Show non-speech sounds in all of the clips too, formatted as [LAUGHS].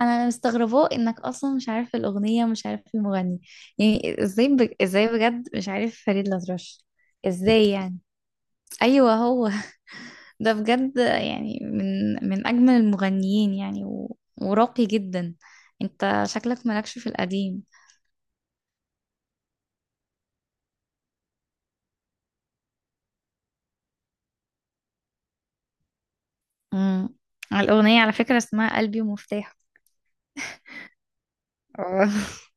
انا مستغرباه انك اصلا مش عارف الاغنيه ومش عارف المغني. يعني ازاي ازاي بجد مش عارف فريد الأطرش؟ ازاي يعني؟ ايوه هو. [LAUGHS] ده بجد يعني من اجمل المغنيين يعني وراقي جدا. انت شكلك مالكش في القديم. امم. الاغنيه على فكره اسمها قلبي ومفتاحه. [LAUGHS]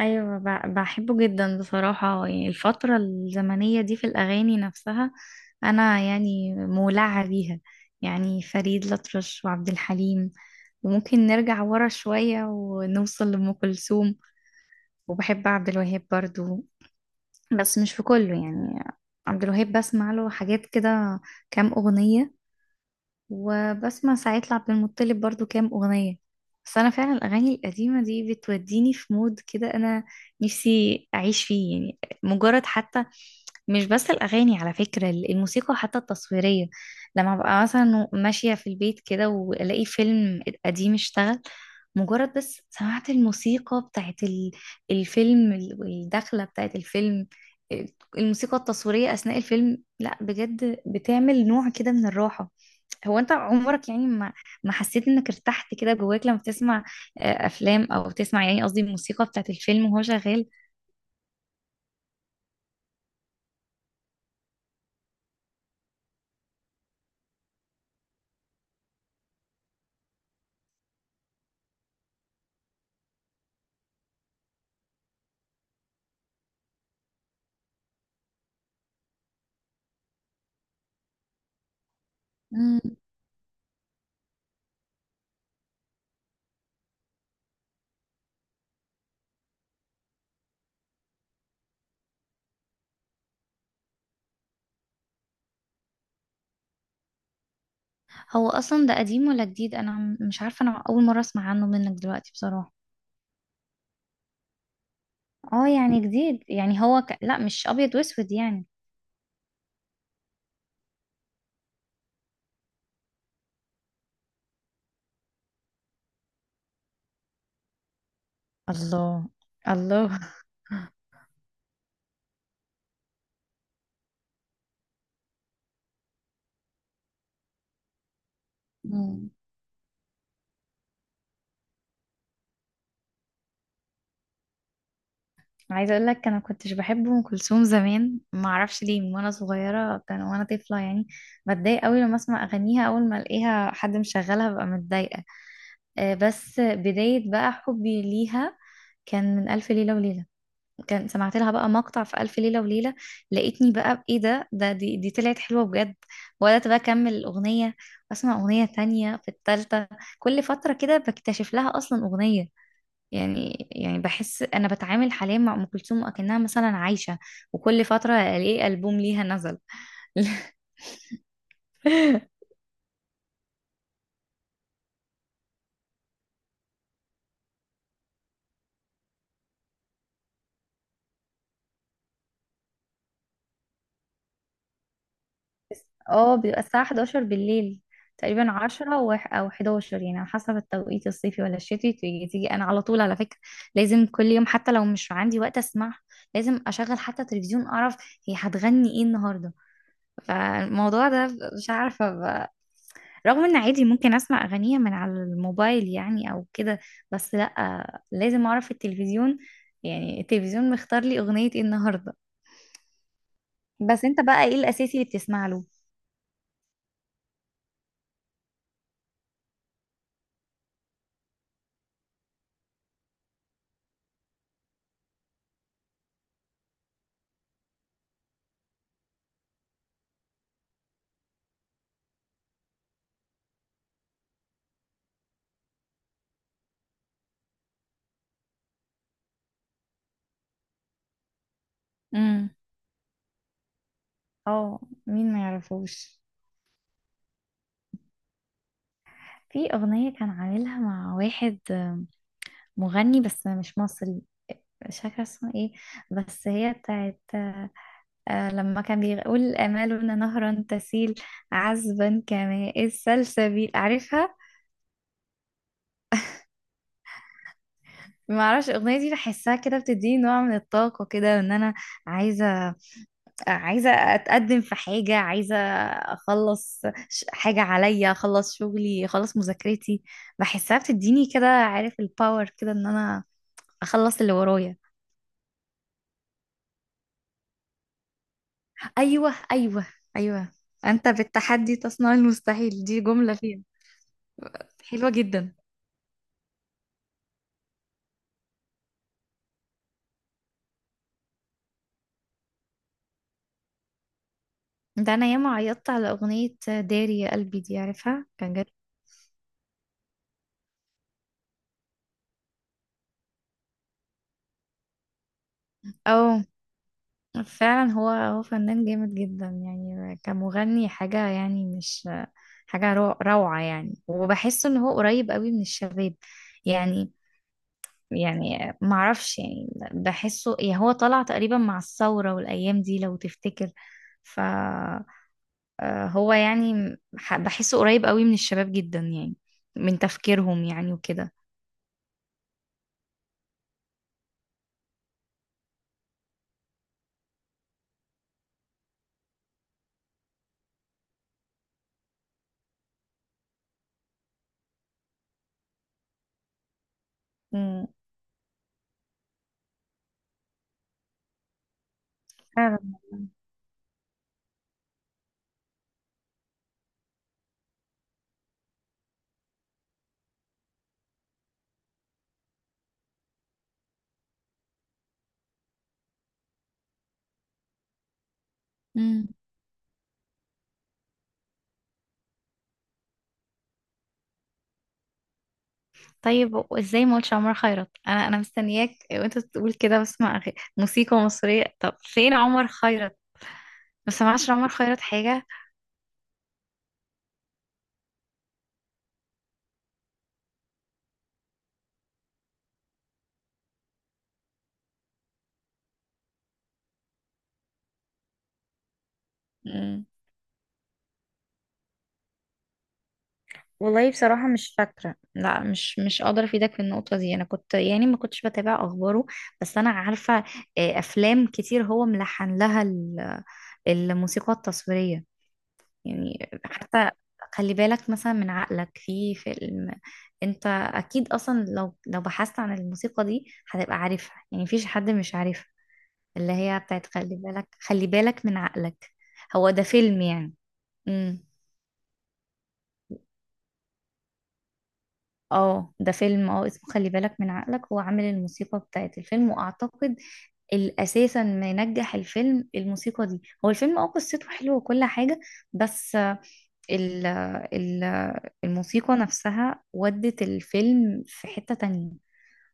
ايوه، بحبه جدا بصراحه، يعني الفتره الزمنيه دي في الاغاني نفسها. انا يعني مولعه بيها، يعني فريد الأطرش وعبد الحليم. وممكن نرجع ورا شويه ونوصل لأم كلثوم. وبحب عبد الوهاب برضو، بس مش في كله يعني. عبد الوهاب بسمع له حاجات كده، كام اغنيه. وبسمع ساعات لعبد المطلب برضو كام أغنية. بس أنا فعلا الأغاني القديمة دي بتوديني في مود كده أنا نفسي أعيش فيه يعني. مجرد حتى، مش بس الأغاني، على فكرة الموسيقى حتى التصويرية. لما ببقى مثلا ماشية في البيت كده وألاقي فيلم قديم اشتغل، مجرد بس سمعت الموسيقى بتاعت الفيلم والدخلة بتاعت الفيلم. الموسيقى التصويرية أثناء الفيلم لا بجد بتعمل نوع كده من الراحة. هو انت عمرك يعني ما حسيت انك ارتحت كده جواك لما بتسمع افلام، او بتسمع يعني قصدي الموسيقى بتاعت الفيلم وهو شغال؟ مم. هو اصلا ده قديم ولا جديد؟ انا مش عارفه، انا اول مره اسمع عنه منك دلوقتي بصراحه. اه يعني جديد يعني هو لا مش ابيض واسود يعني. الله. الله. مم. عايزه اقول لك انا كنتش بحب ام كلثوم زمان، ما اعرفش ليه، من وانا صغيره كان وانا طفله يعني بتضايق قوي لما اسمع اغانيها. اول ما الاقيها حد مشغلها ببقى متضايقه. بس بدايه بقى حبي ليها كان من الف ليله وليله. كان سمعت لها بقى مقطع في ألف ليلة وليلة، لقيتني بقى ايه ده، دي طلعت حلوة بجد. وبدأت بقى أكمل الأغنية وأسمع أغنية تانية في التالتة. كل فترة كده بكتشف لها أصلا أغنية، يعني بحس أنا بتعامل حاليا مع أم كلثوم أكنها مثلا عايشة، وكل فترة ألاقي ألبوم ليها نزل. [LAUGHS] اه بيبقى الساعة 11 بالليل، تقريبا 10 أو 11، يعني على حسب التوقيت الصيفي ولا الشتوي تيجي، تيجي أنا على طول على فكرة. لازم كل يوم، حتى لو مش عندي وقت أسمعها لازم أشغل حتى تلفزيون، أعرف هي هتغني إيه النهاردة. فالموضوع ده مش عارفة رغم إن عادي ممكن أسمع أغانيها من على الموبايل يعني أو كده. بس لأ لازم أعرف التلفزيون، يعني التلفزيون مختار لي أغنية إيه النهاردة. بس أنت بقى إيه الأساسي اللي بتسمع له؟ امم. اه. مين ما يعرفوش. في أغنية كان عاملها مع واحد مغني بس مش مصري، مش فاكرة اسمه ايه، بس هي بتاعت آه لما كان بيقول: آمالنا نهرا تسيل عذبا كماء السلسبيل. عارفها؟ معرفش الأغنية دي بحسها كده بتديني نوع من الطاقة كده، وإن أنا عايزة، عايزة أتقدم في حاجة، عايزة أخلص، حاجة عليا، أخلص شغلي، أخلص مذاكرتي. بحسها بتديني كده عارف الباور كده إن أنا أخلص اللي ورايا. ايوه، ايوه، ايوه. انت بالتحدي تصنع المستحيل دي جملة فيها. حلوة جدا. ده انا ياما عيطت على اغنية داري يا قلبي دي، عارفها، كان جد. او فعلا هو فنان جامد جدا يعني كمغني، حاجة يعني مش، حاجة روعة يعني. وبحس ان هو قريب قوي من الشباب، يعني، يعني معرفش، يعني بحسه، يعني هو طلع تقريبا مع الثورة والايام دي لو تفتكر. ف هو يعني بحسه قريب قوي من الشباب جدا يعني، من تفكيرهم يعني وكده. امم. فعلا. مم. طيب ازاي ما قلتش عمر خيرت؟ انا مستنياك وانت تقول كده بسمع موسيقى مصرية. طب فين عمر خيرت؟ ما سمعش عمر خيرت حاجة. امم. والله بصراحة مش فاكرة، لا مش، قادرة افيدك في النقطة دي. انا كنت يعني ما كنتش بتابع اخباره، بس انا عارفة افلام كتير هو ملحن لها الموسيقى التصويرية، يعني حتى خلي بالك مثلا من عقلك في فيلم. انت اكيد اصلا لو بحثت عن الموسيقى دي هتبقى عارفها، يعني مفيش حد مش عارفها، اللي هي بتاعت خلي بالك، خلي بالك من عقلك. هو ده فيلم يعني. امم. اه ده فيلم، اه اسمه خلي بالك من عقلك. هو عامل الموسيقى بتاعت الفيلم، واعتقد الاساسا ما ينجح الفيلم الموسيقى دي. هو الفيلم اه قصته حلوه وكل حاجه، بس ال ال الموسيقى نفسها ودت الفيلم في حتة تانية.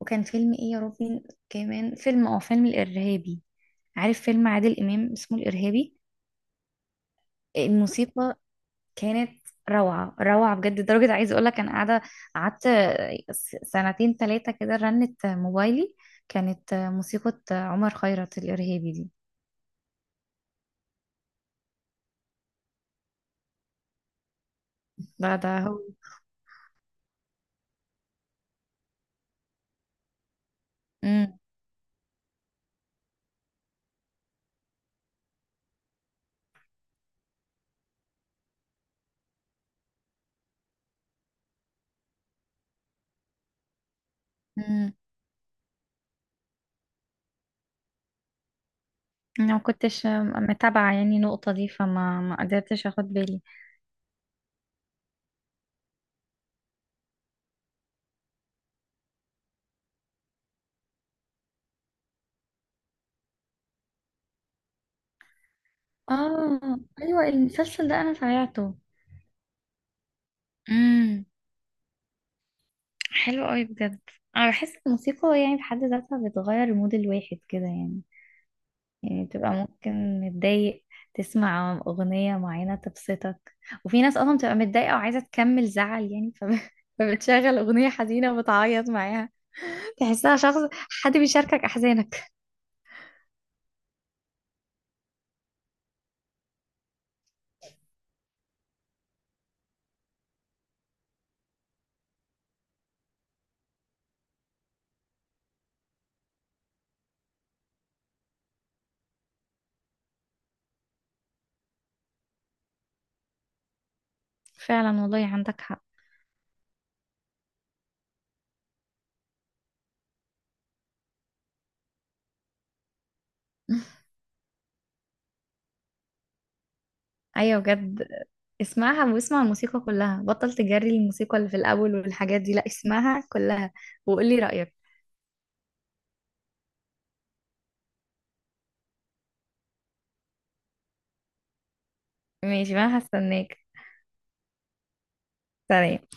وكان فيلم ايه يا ربي، كمان فيلم، اه فيلم الإرهابي. عارف فيلم عادل إمام اسمه الإرهابي؟ الموسيقى كانت روعة، روعة بجد، لدرجة عايزة اقولك انا قاعدة، قعدت سنتين تلاتة كده رنت موبايلي، كانت موسيقى عمر خيرت الإرهابي دي. ده هو. امم. امم. انا ما كنتش متابعة يعني النقطة دي، ما قدرتش اخد بالي. اه ايوه المسلسل ده انا سمعته. امم. حلو قوي بجد. انا بحس الموسيقى يعني في حد ذاتها بتغير مود الواحد كده يعني، يعني تبقى ممكن متضايق تسمع أغنية معينة تبسطك. وفي ناس أصلا بتبقى متضايقة وعايزة تكمل زعل يعني [LAUGHS] فبتشغل أغنية حزينة وبتعيط معاها، تحسها شخص، حد بيشاركك أحزانك. فعلا والله عندك حق. ايوه بجد. اسمعها واسمع الموسيقى كلها، بطل تجري الموسيقى اللي في الاول والحاجات دي، لا اسمعها كلها، وقولي رأيك. ماشي، ما هستناك. سلام.